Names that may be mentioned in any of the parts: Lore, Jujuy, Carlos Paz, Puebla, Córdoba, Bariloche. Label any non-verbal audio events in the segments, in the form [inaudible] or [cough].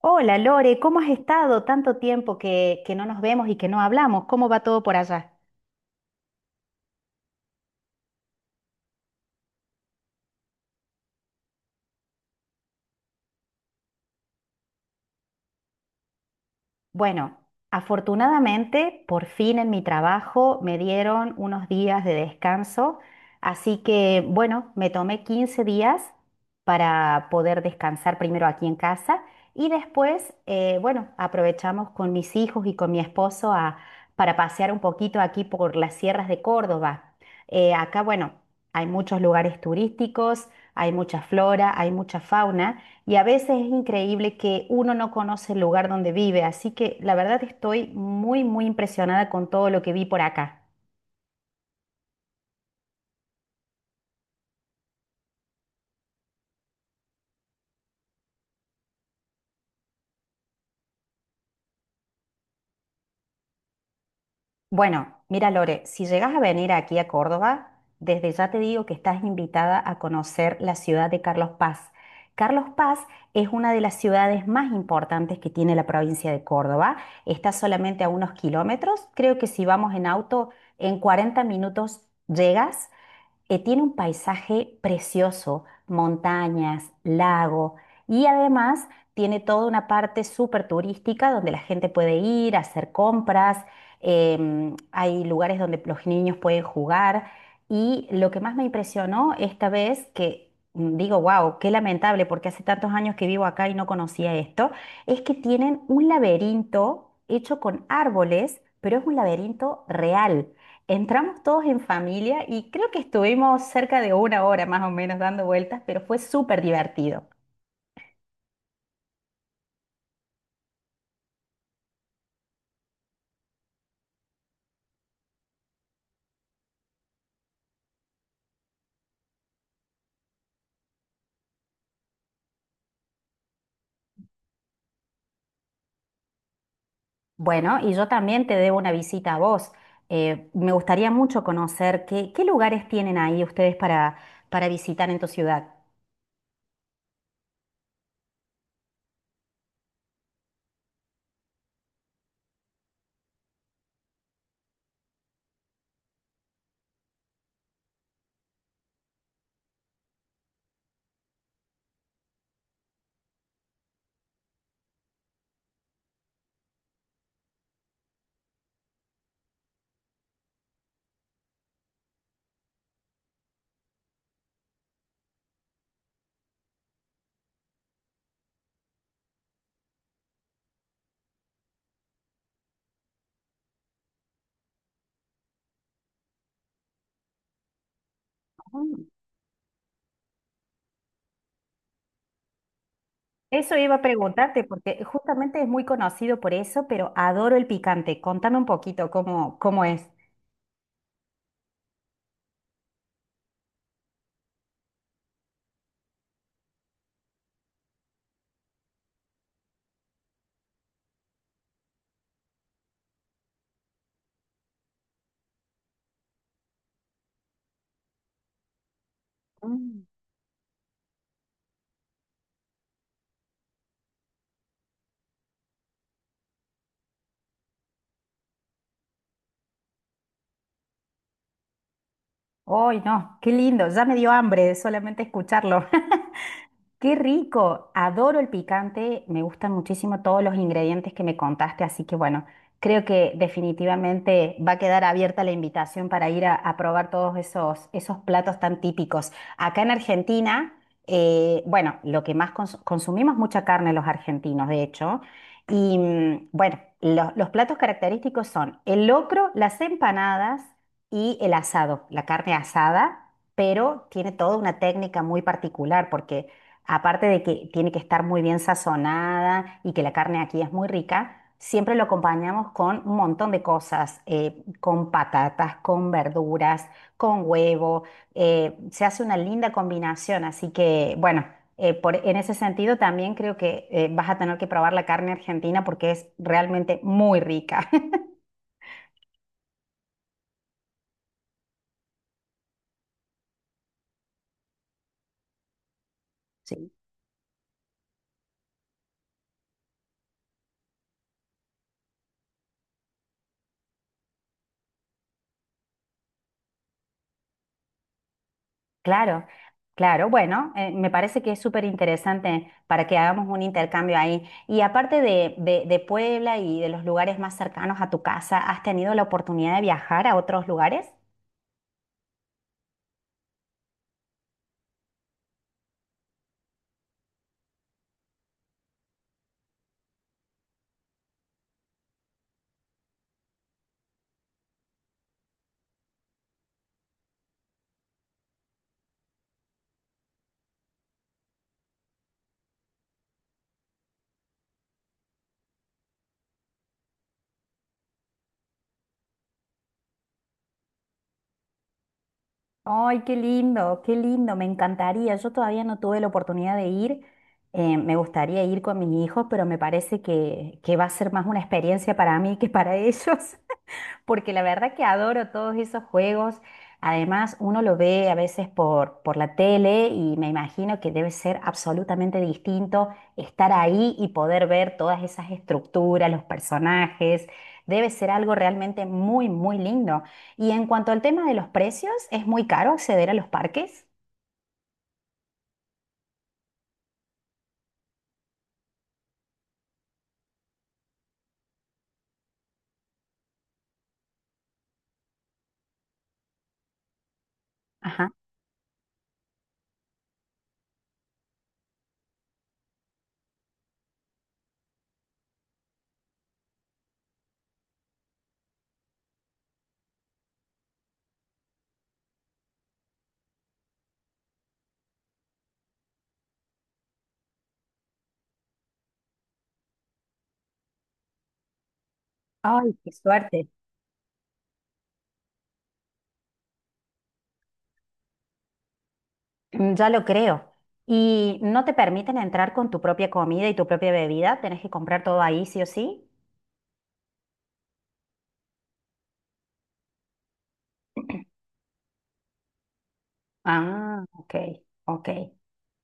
Hola Lore, ¿cómo has estado? Tanto tiempo que no nos vemos y que no hablamos. ¿Cómo va todo por allá? Bueno, afortunadamente, por fin en mi trabajo me dieron unos días de descanso, así que bueno, me tomé 15 días para poder descansar primero aquí en casa y después, bueno, aprovechamos con mis hijos y con mi esposo para pasear un poquito aquí por las sierras de Córdoba. Acá, bueno, hay muchos lugares turísticos, hay mucha flora, hay mucha fauna. Y a veces es increíble que uno no conoce el lugar donde vive, así que la verdad estoy muy, muy impresionada con todo lo que vi por acá. Bueno, mira Lore, si llegas a venir aquí a Córdoba, desde ya te digo que estás invitada a conocer la ciudad de Carlos Paz. Carlos Paz es una de las ciudades más importantes que tiene la provincia de Córdoba. Está solamente a unos kilómetros. Creo que si vamos en auto, en 40 minutos llegas. Tiene un paisaje precioso, montañas, lago y además tiene toda una parte súper turística donde la gente puede ir a hacer compras. Hay lugares donde los niños pueden jugar, y lo que más me impresionó esta vez, que digo, wow, qué lamentable porque hace tantos años que vivo acá y no conocía esto, es que tienen un laberinto hecho con árboles, pero es un laberinto real. Entramos todos en familia y creo que estuvimos cerca de una hora más o menos dando vueltas, pero fue súper divertido. Bueno, y yo también te debo una visita a vos. Me gustaría mucho conocer qué lugares tienen ahí ustedes para visitar en tu ciudad. Mm, eso iba a preguntarte porque justamente es muy conocido por eso, pero adoro el picante. Contame un poquito cómo es. Mm. ¡Ay, no! ¡Qué lindo! Ya me dio hambre de solamente escucharlo. [laughs] Qué rico, adoro el picante, me gustan muchísimo todos los ingredientes que me contaste, así que bueno, creo que definitivamente va a quedar abierta la invitación para ir a probar todos esos, esos platos tan típicos. Acá en Argentina, bueno, lo que más consumimos mucha carne los argentinos, de hecho, y bueno, los platos característicos son el locro, las empanadas y el asado, la carne asada, pero tiene toda una técnica muy particular porque aparte de que tiene que estar muy bien sazonada y que la carne aquí es muy rica, siempre lo acompañamos con un montón de cosas, con patatas, con verduras, con huevo, se hace una linda combinación, así que bueno, en ese sentido también creo que vas a tener que probar la carne argentina porque es realmente muy rica. [laughs] Claro, claro. Bueno, me parece que es súper interesante para que hagamos un intercambio ahí. Y aparte de Puebla y de los lugares más cercanos a tu casa, ¿has tenido la oportunidad de viajar a otros lugares? Ay, qué lindo, me encantaría. Yo todavía no tuve la oportunidad de ir. Me gustaría ir con mis hijos, pero me parece que va a ser más una experiencia para mí que para [laughs] ellos. Porque la verdad que adoro todos esos juegos. Además, uno lo ve a veces por la tele y me imagino que debe ser absolutamente distinto estar ahí y poder ver todas esas estructuras, los personajes. Debe ser algo realmente muy, muy lindo. Y en cuanto al tema de los precios, ¿es muy caro acceder a los parques? Ajá. Ay, qué suerte. Mm, ya lo creo. ¿Y no te permiten entrar con tu propia comida y tu propia bebida? ¿Tenés que comprar todo ahí, sí o sí? Ah, ok, ok,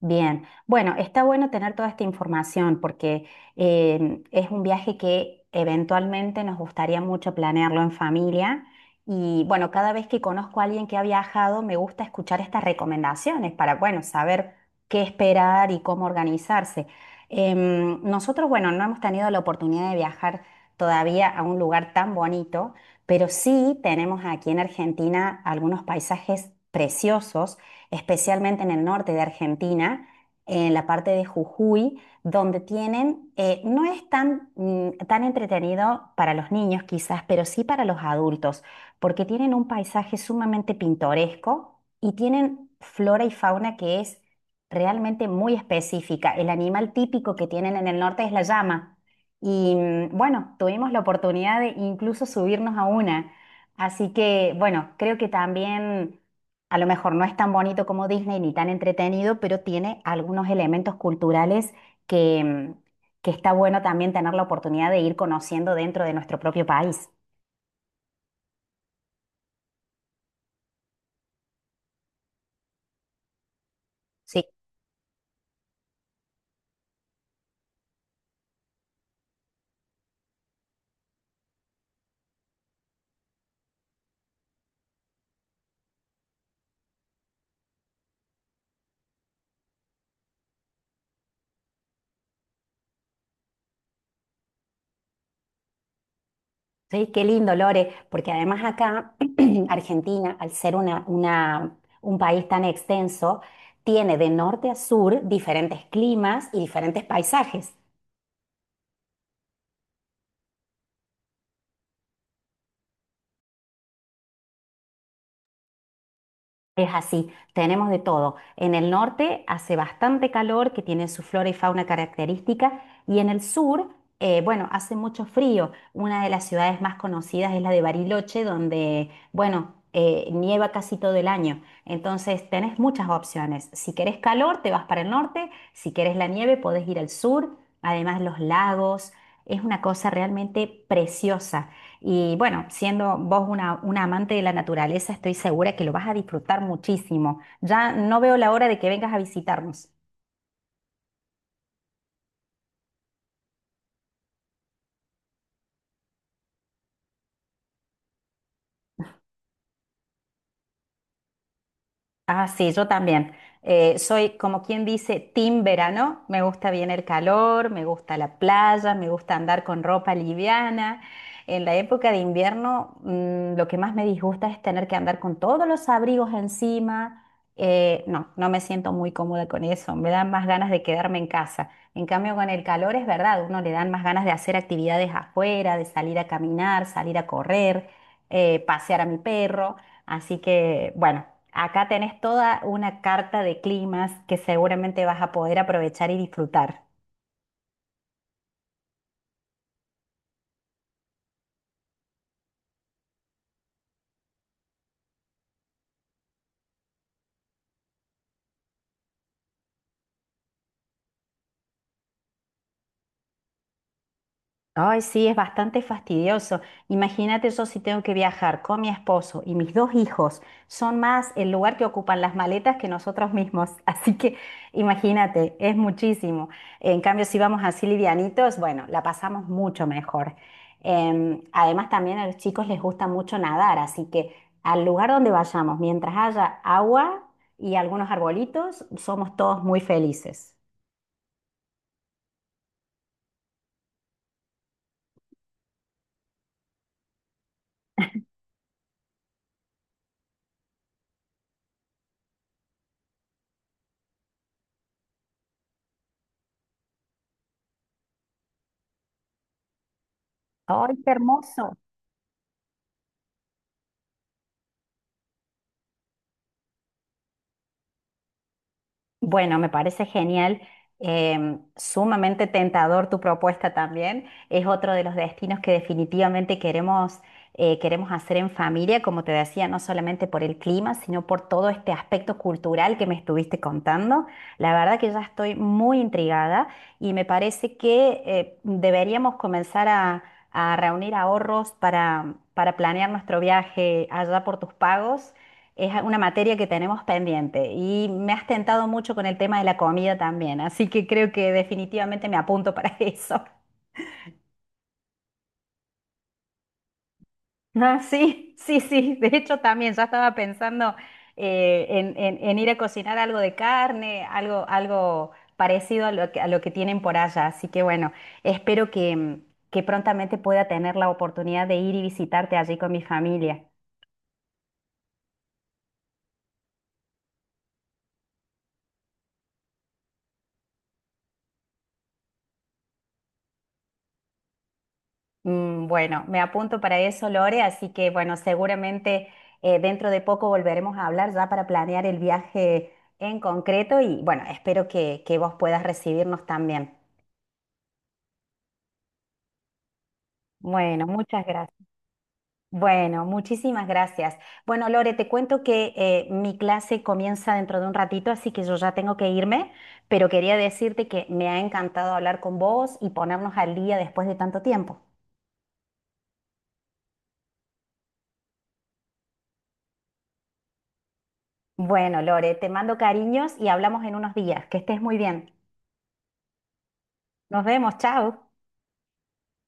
bien. Bueno, está bueno tener toda esta información porque es un viaje que eventualmente nos gustaría mucho planearlo en familia. Y bueno, cada vez que conozco a alguien que ha viajado, me gusta escuchar estas recomendaciones para, bueno, saber qué esperar y cómo organizarse. Nosotros, bueno, no hemos tenido la oportunidad de viajar todavía a un lugar tan bonito, pero sí tenemos aquí en Argentina algunos paisajes preciosos, especialmente en el norte de Argentina, en la parte de Jujuy, donde tienen, no es tan, tan entretenido para los niños quizás, pero sí para los adultos, porque tienen un paisaje sumamente pintoresco y tienen flora y fauna que es realmente muy específica. El animal típico que tienen en el norte es la llama. Y bueno, tuvimos la oportunidad de incluso subirnos a una. Así que, bueno, creo que también a lo mejor no es tan bonito como Disney ni tan entretenido, pero tiene algunos elementos culturales que, que está bueno también tener la oportunidad de ir conociendo dentro de nuestro propio país. Sí. Sí, qué lindo, Lore, porque además acá [clears throat] Argentina, al ser un país tan extenso, tiene de norte a sur diferentes climas y diferentes paisajes. Es así, tenemos de todo. En el norte hace bastante calor, que tiene su flora y fauna característica, y en el sur, bueno, hace mucho frío. Una de las ciudades más conocidas es la de Bariloche, donde, bueno, nieva casi todo el año. Entonces, tenés muchas opciones. Si querés calor, te vas para el norte. Si querés la nieve, podés ir al sur. Además, los lagos. Es una cosa realmente preciosa. Y bueno, siendo vos una amante de la naturaleza, estoy segura que lo vas a disfrutar muchísimo. Ya no veo la hora de que vengas a visitarnos. Ah, sí, yo también. Soy como quien dice, team verano. Me gusta bien el calor, me gusta la playa, me gusta andar con ropa liviana. En la época de invierno, lo que más me disgusta es tener que andar con todos los abrigos encima. No, no me siento muy cómoda con eso. Me dan más ganas de quedarme en casa. En cambio, con el calor es verdad, uno le dan más ganas de hacer actividades afuera, de salir a caminar, salir a correr, pasear a mi perro. Así que, bueno, acá tenés toda una carta de climas que seguramente vas a poder aprovechar y disfrutar. Ay, sí, es bastante fastidioso. Imagínate yo si tengo que viajar con mi esposo y mis dos hijos. Son más el lugar que ocupan las maletas que nosotros mismos. [laughs] Así que imagínate, es muchísimo. En cambio, si vamos así livianitos, bueno, la pasamos mucho mejor. Además, también a los chicos les gusta mucho nadar, así que al lugar donde vayamos, mientras haya agua y algunos arbolitos, somos todos muy felices. ¡Ay, qué hermoso! Bueno, me parece genial, sumamente tentador tu propuesta también. Es otro de los destinos que definitivamente queremos, queremos hacer en familia, como te decía, no solamente por el clima, sino por todo este aspecto cultural que me estuviste contando. La verdad que ya estoy muy intrigada y me parece que deberíamos comenzar a reunir ahorros para planear nuestro viaje allá por tus pagos. Es una materia que tenemos pendiente y me has tentado mucho con el tema de la comida también, así que creo que definitivamente me apunto para [laughs] eso. Ah, sí, sí, sí, de hecho también ya estaba pensando en ir a cocinar algo de carne, algo parecido a lo a lo que tienen por allá, así que bueno, espero que que prontamente pueda tener la oportunidad de ir y visitarte allí con mi familia. Mm, bueno, me apunto para eso, Lore, así que bueno, seguramente dentro de poco volveremos a hablar ya para planear el viaje en concreto y bueno, espero que vos puedas recibirnos también. Bueno, muchas gracias. Bueno, muchísimas gracias. Bueno, Lore, te cuento que mi clase comienza dentro de un ratito, así que yo ya tengo que irme, pero quería decirte que me ha encantado hablar con vos y ponernos al día después de tanto tiempo. Bueno, Lore, te mando cariños y hablamos en unos días. Que estés muy bien. Nos vemos, chao.